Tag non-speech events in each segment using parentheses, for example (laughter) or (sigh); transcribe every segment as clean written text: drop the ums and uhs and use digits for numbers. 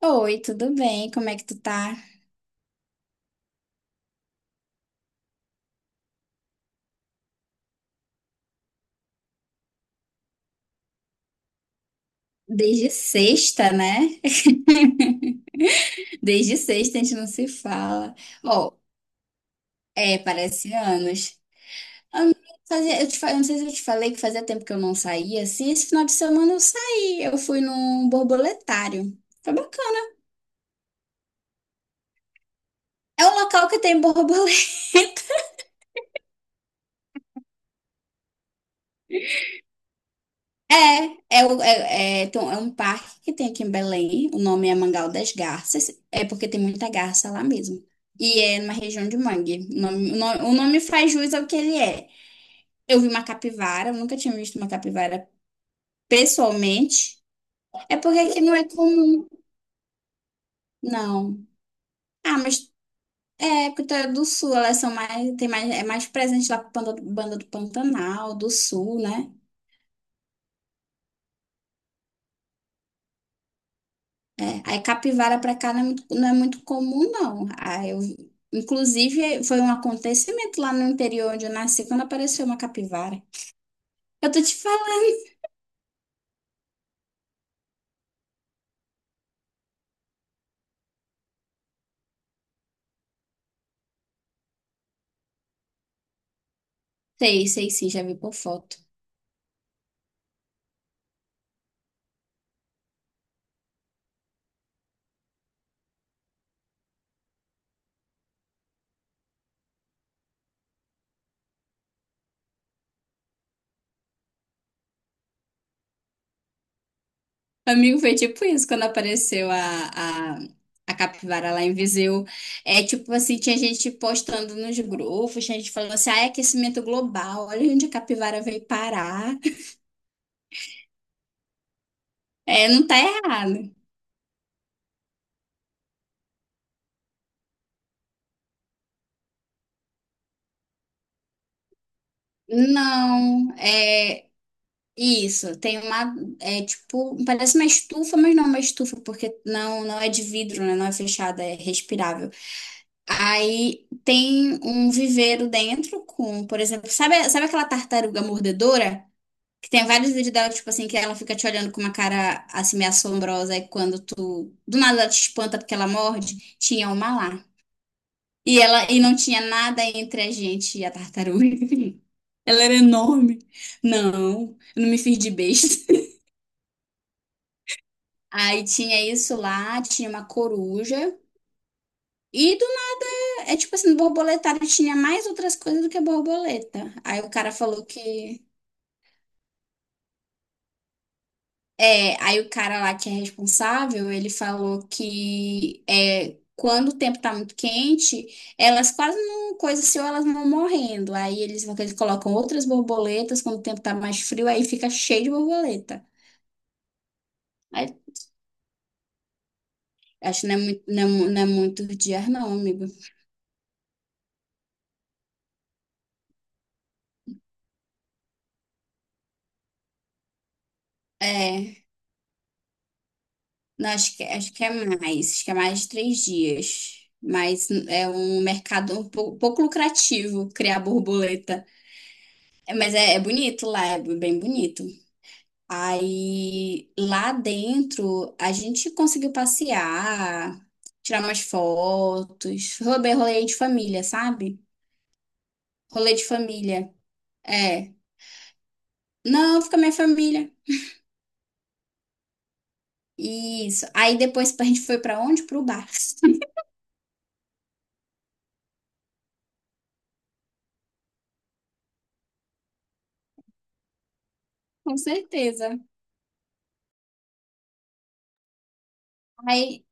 Oi, tudo bem? Como é que tu tá? Desde sexta, né? (laughs) Desde sexta a gente não se fala. Ó, é, parece anos. Eu eu não sei se eu te falei que fazia tempo que eu não saía, assim, esse final de semana eu saí, eu fui num borboletário. Foi bacana. É um local que tem borboleta. Tem um um parque que tem aqui em Belém. O nome é Mangal das Garças, é porque tem muita garça lá mesmo. E é numa região de mangue. O nome faz jus ao que ele é. Eu vi uma capivara, eu nunca tinha visto uma capivara pessoalmente. É porque aqui não é comum, não. Ah, mas é porque tu é do sul, elas são mais, tem mais, é mais presente lá pro banda do Pantanal, do sul, né? É, aí capivara para cá não é muito comum, não. Aí eu, inclusive, foi um acontecimento lá no interior onde eu nasci, quando apareceu uma capivara. Eu tô te falando. Sei, sei sim, já vi por foto. Amigo, foi tipo isso, quando apareceu a capivara lá em Viseu. É tipo assim, tinha gente postando nos grupos, tinha gente falando assim, ah, é aquecimento global, olha onde a capivara veio parar. É, não tá errado. Não, é, isso, tem uma, é tipo, parece uma estufa, mas não é uma estufa, porque não é de vidro, né? Não é fechada, é respirável. Aí tem um viveiro dentro com, por exemplo, sabe, sabe aquela tartaruga mordedora? Que tem vários vídeos dela, tipo assim, que ela fica te olhando com uma cara assim meio assombrosa, e quando tu, do nada ela te espanta porque ela morde, tinha uma lá. E ela, e não tinha nada entre a gente e a tartaruga. (laughs) Ela era enorme. Não, eu não me fiz de besta. Aí tinha isso lá, tinha uma coruja. E do- É tipo assim, no borboletário tinha mais outras coisas do que borboleta. Aí o cara falou que. É, aí o cara lá que é responsável, ele falou que é, quando o tempo tá muito quente, elas quase não coisa assim, ou elas vão morrendo. Aí eles colocam outras borboletas, quando o tempo tá mais frio, aí fica cheio de borboleta. Aí, acho que não é muito, não é muito dias, não, amigo. É. Não, acho que é mais de 3 dias. Mas é um mercado pouco lucrativo criar borboleta. É, mas é, é bonito lá, é bem bonito. Aí lá dentro a gente conseguiu passear, tirar umas fotos, rolê de família, sabe? Rolê de família. É. Não, fica minha família. Isso. Aí depois a gente foi pra onde? Pro bar. (laughs) Com certeza. Aí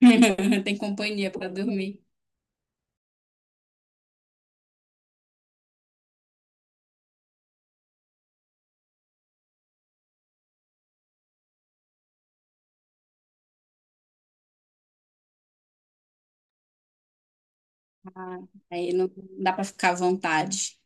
(laughs) tem companhia para dormir. Ah, aí não dá para ficar à vontade.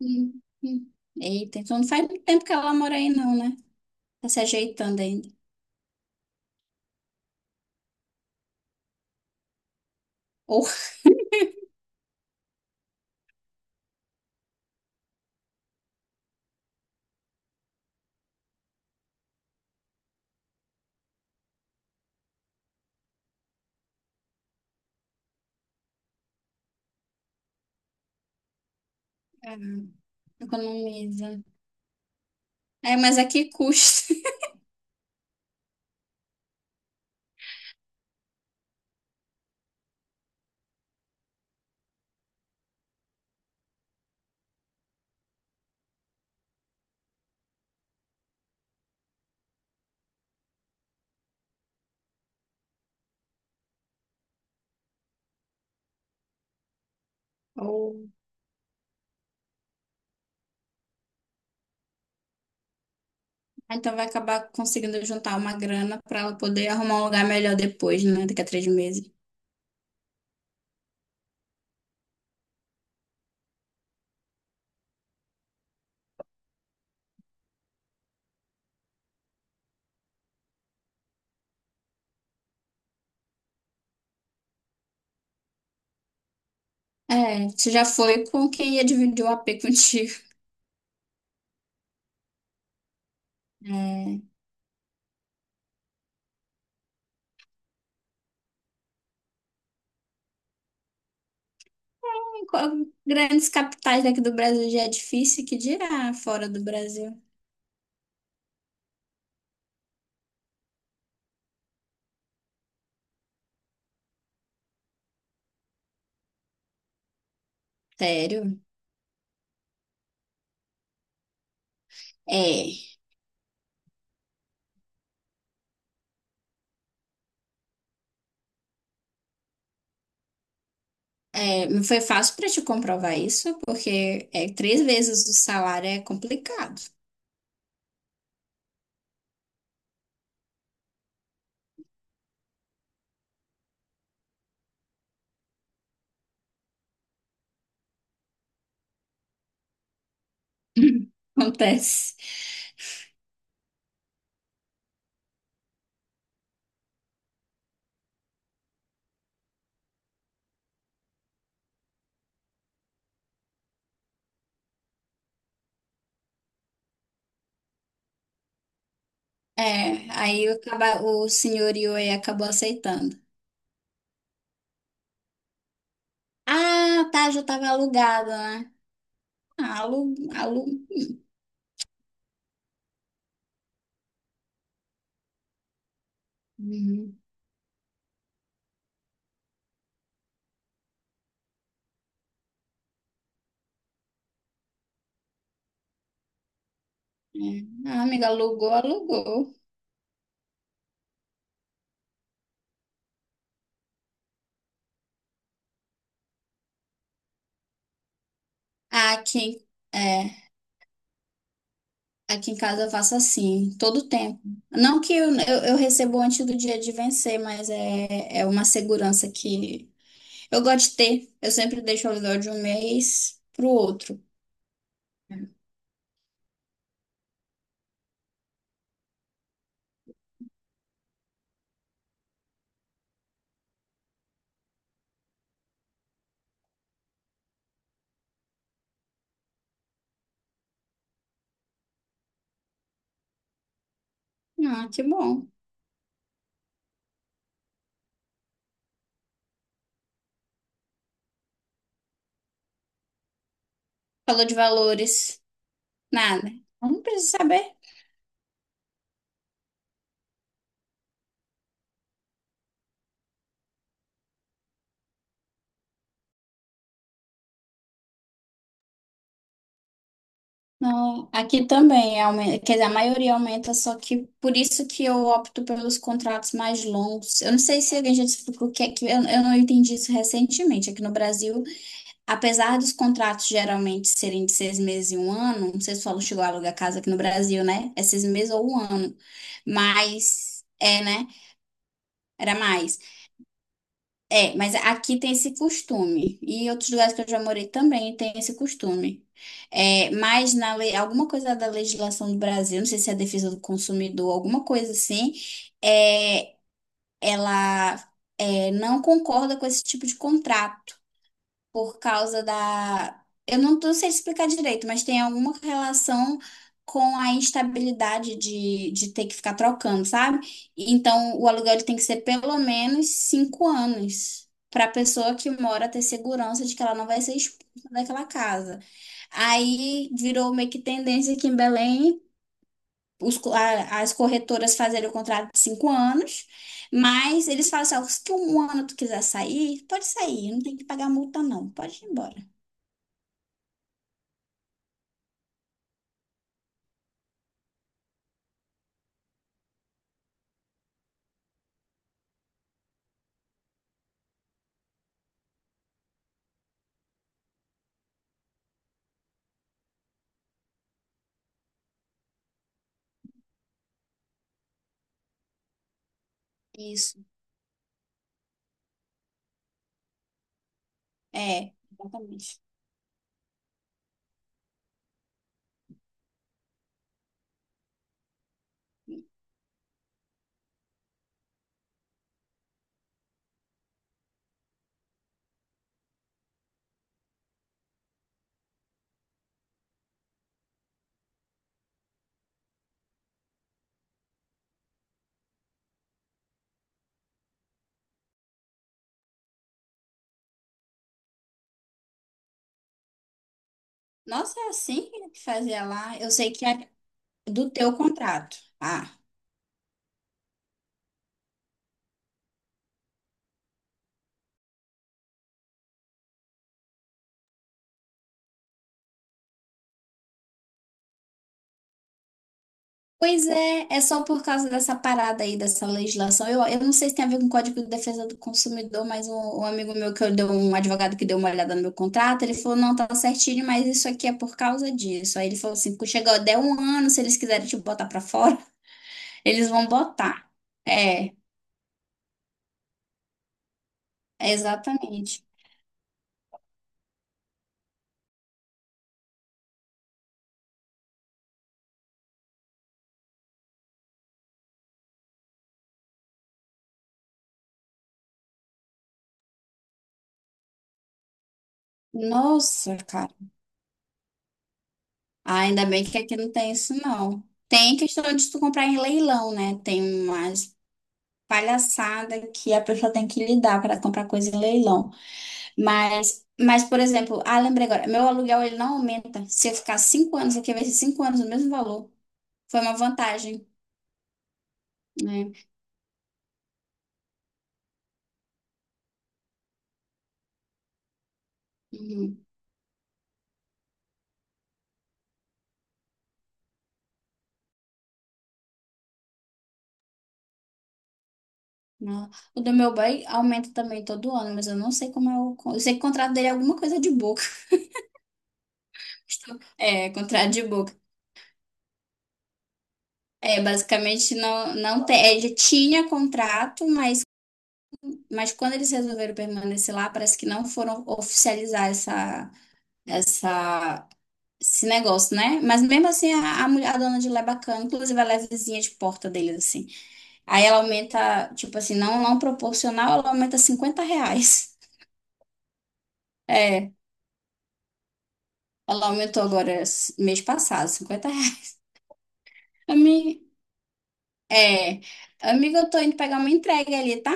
Hum, hum. Eita, então não faz muito tempo que ela mora aí, não, né? Tá se ajeitando ainda. Ou é, economiza. É, mas a que custa? (laughs) Ou ah, então vai acabar conseguindo juntar uma grana para ela poder arrumar um lugar melhor depois, né? Daqui a 3 meses. É, você já foi com quem ia dividir o AP contigo. É, grandes capitais daqui do Brasil já é difícil, que dirá fora do Brasil. Sério? É, é, não foi fácil para te comprovar isso, porque é três vezes o salário é complicado. (laughs) Acontece. É, aí o, o senhor Yoi acabou aceitando. Ah, tá, já tava alugado, né? Ah, alu. Uhum, é. Ah, amiga, alugou. Ah, aqui, é, aqui em casa eu faço assim, todo tempo. Não que eu recebo antes do dia de vencer, mas é, é uma segurança que eu gosto de ter. Eu sempre deixo o aluguel de um mês pro outro. Ah, que bom. Falou de valores. Nada. Não precisa saber. Não, aqui também aumenta, quer dizer, a maioria aumenta, só que por isso que eu opto pelos contratos mais longos. Eu não sei se alguém já te explicou o que é que eu não entendi isso recentemente. Aqui no Brasil, apesar dos contratos geralmente serem de 6 meses e um ano, não sei se o aluno chegou a alugar casa aqui no Brasil, né? É 6 meses ou um ano. Mas, é, né? Era mais. É, mas aqui tem esse costume. E em outros lugares que eu já morei também tem esse costume. É, mas na lei, alguma coisa da legislação do Brasil, não sei se é a defesa do consumidor, alguma coisa assim, é, ela é, não concorda com esse tipo de contrato por causa da. Eu não tô sei explicar direito, mas tem alguma relação com a instabilidade de ter que ficar trocando, sabe? Então, o aluguel ele tem que ser pelo menos 5 anos para a pessoa que mora ter segurança de que ela não vai ser expulsa daquela casa. Aí virou meio que tendência aqui em Belém. As corretoras fazerem o contrato de 5 anos, mas eles falam assim, ó, se tu um ano tu quiser sair, pode sair, não tem que pagar multa não, pode ir embora. Isso, é, exatamente. Nossa, é assim que fazia lá. Eu sei que é do teu contrato. Ah, pois é, é só por causa dessa parada aí, dessa legislação. Eu não sei se tem a ver com o Código de Defesa do Consumidor, mas um amigo meu que eu deu, um advogado que deu uma olhada no meu contrato, ele falou, não, tá certinho, mas isso aqui é por causa disso. Aí ele falou assim, quando chegar, der um ano, se eles quiserem te botar pra fora, (laughs) eles vão botar. É, exatamente. Nossa, cara. Ah, ainda bem que aqui não tem isso, não. Tem questão de tu comprar em leilão, né? Tem umas palhaçadas que a pessoa tem que lidar para comprar coisa em leilão. Mas, por exemplo, ah, lembrei agora, meu aluguel ele não aumenta. Se eu ficar 5 anos aqui, vai ser 5 anos o mesmo valor. Foi uma vantagem, né? Uhum. Não. O do meu boy aumenta também todo ano, mas eu não sei como é o con- eu sei que o contrato dele é alguma coisa de boca. (laughs) É, contrato de boca. É, basicamente não, não tem. Ele tinha contrato, mas quando eles resolveram permanecer lá, parece que não foram oficializar essa, esse negócio, né? Mas mesmo assim, a dona de lá é bacana, inclusive ela é vizinha de porta deles, assim. Aí ela aumenta, tipo assim, não proporcional, ela aumenta R$ 50. (laughs) É, ela aumentou agora mês passado, R$ 50. (laughs) Ami- é, amiga, eu tô indo pegar uma entrega ali, tá?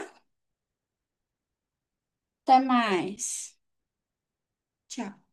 Até mais. Tchau.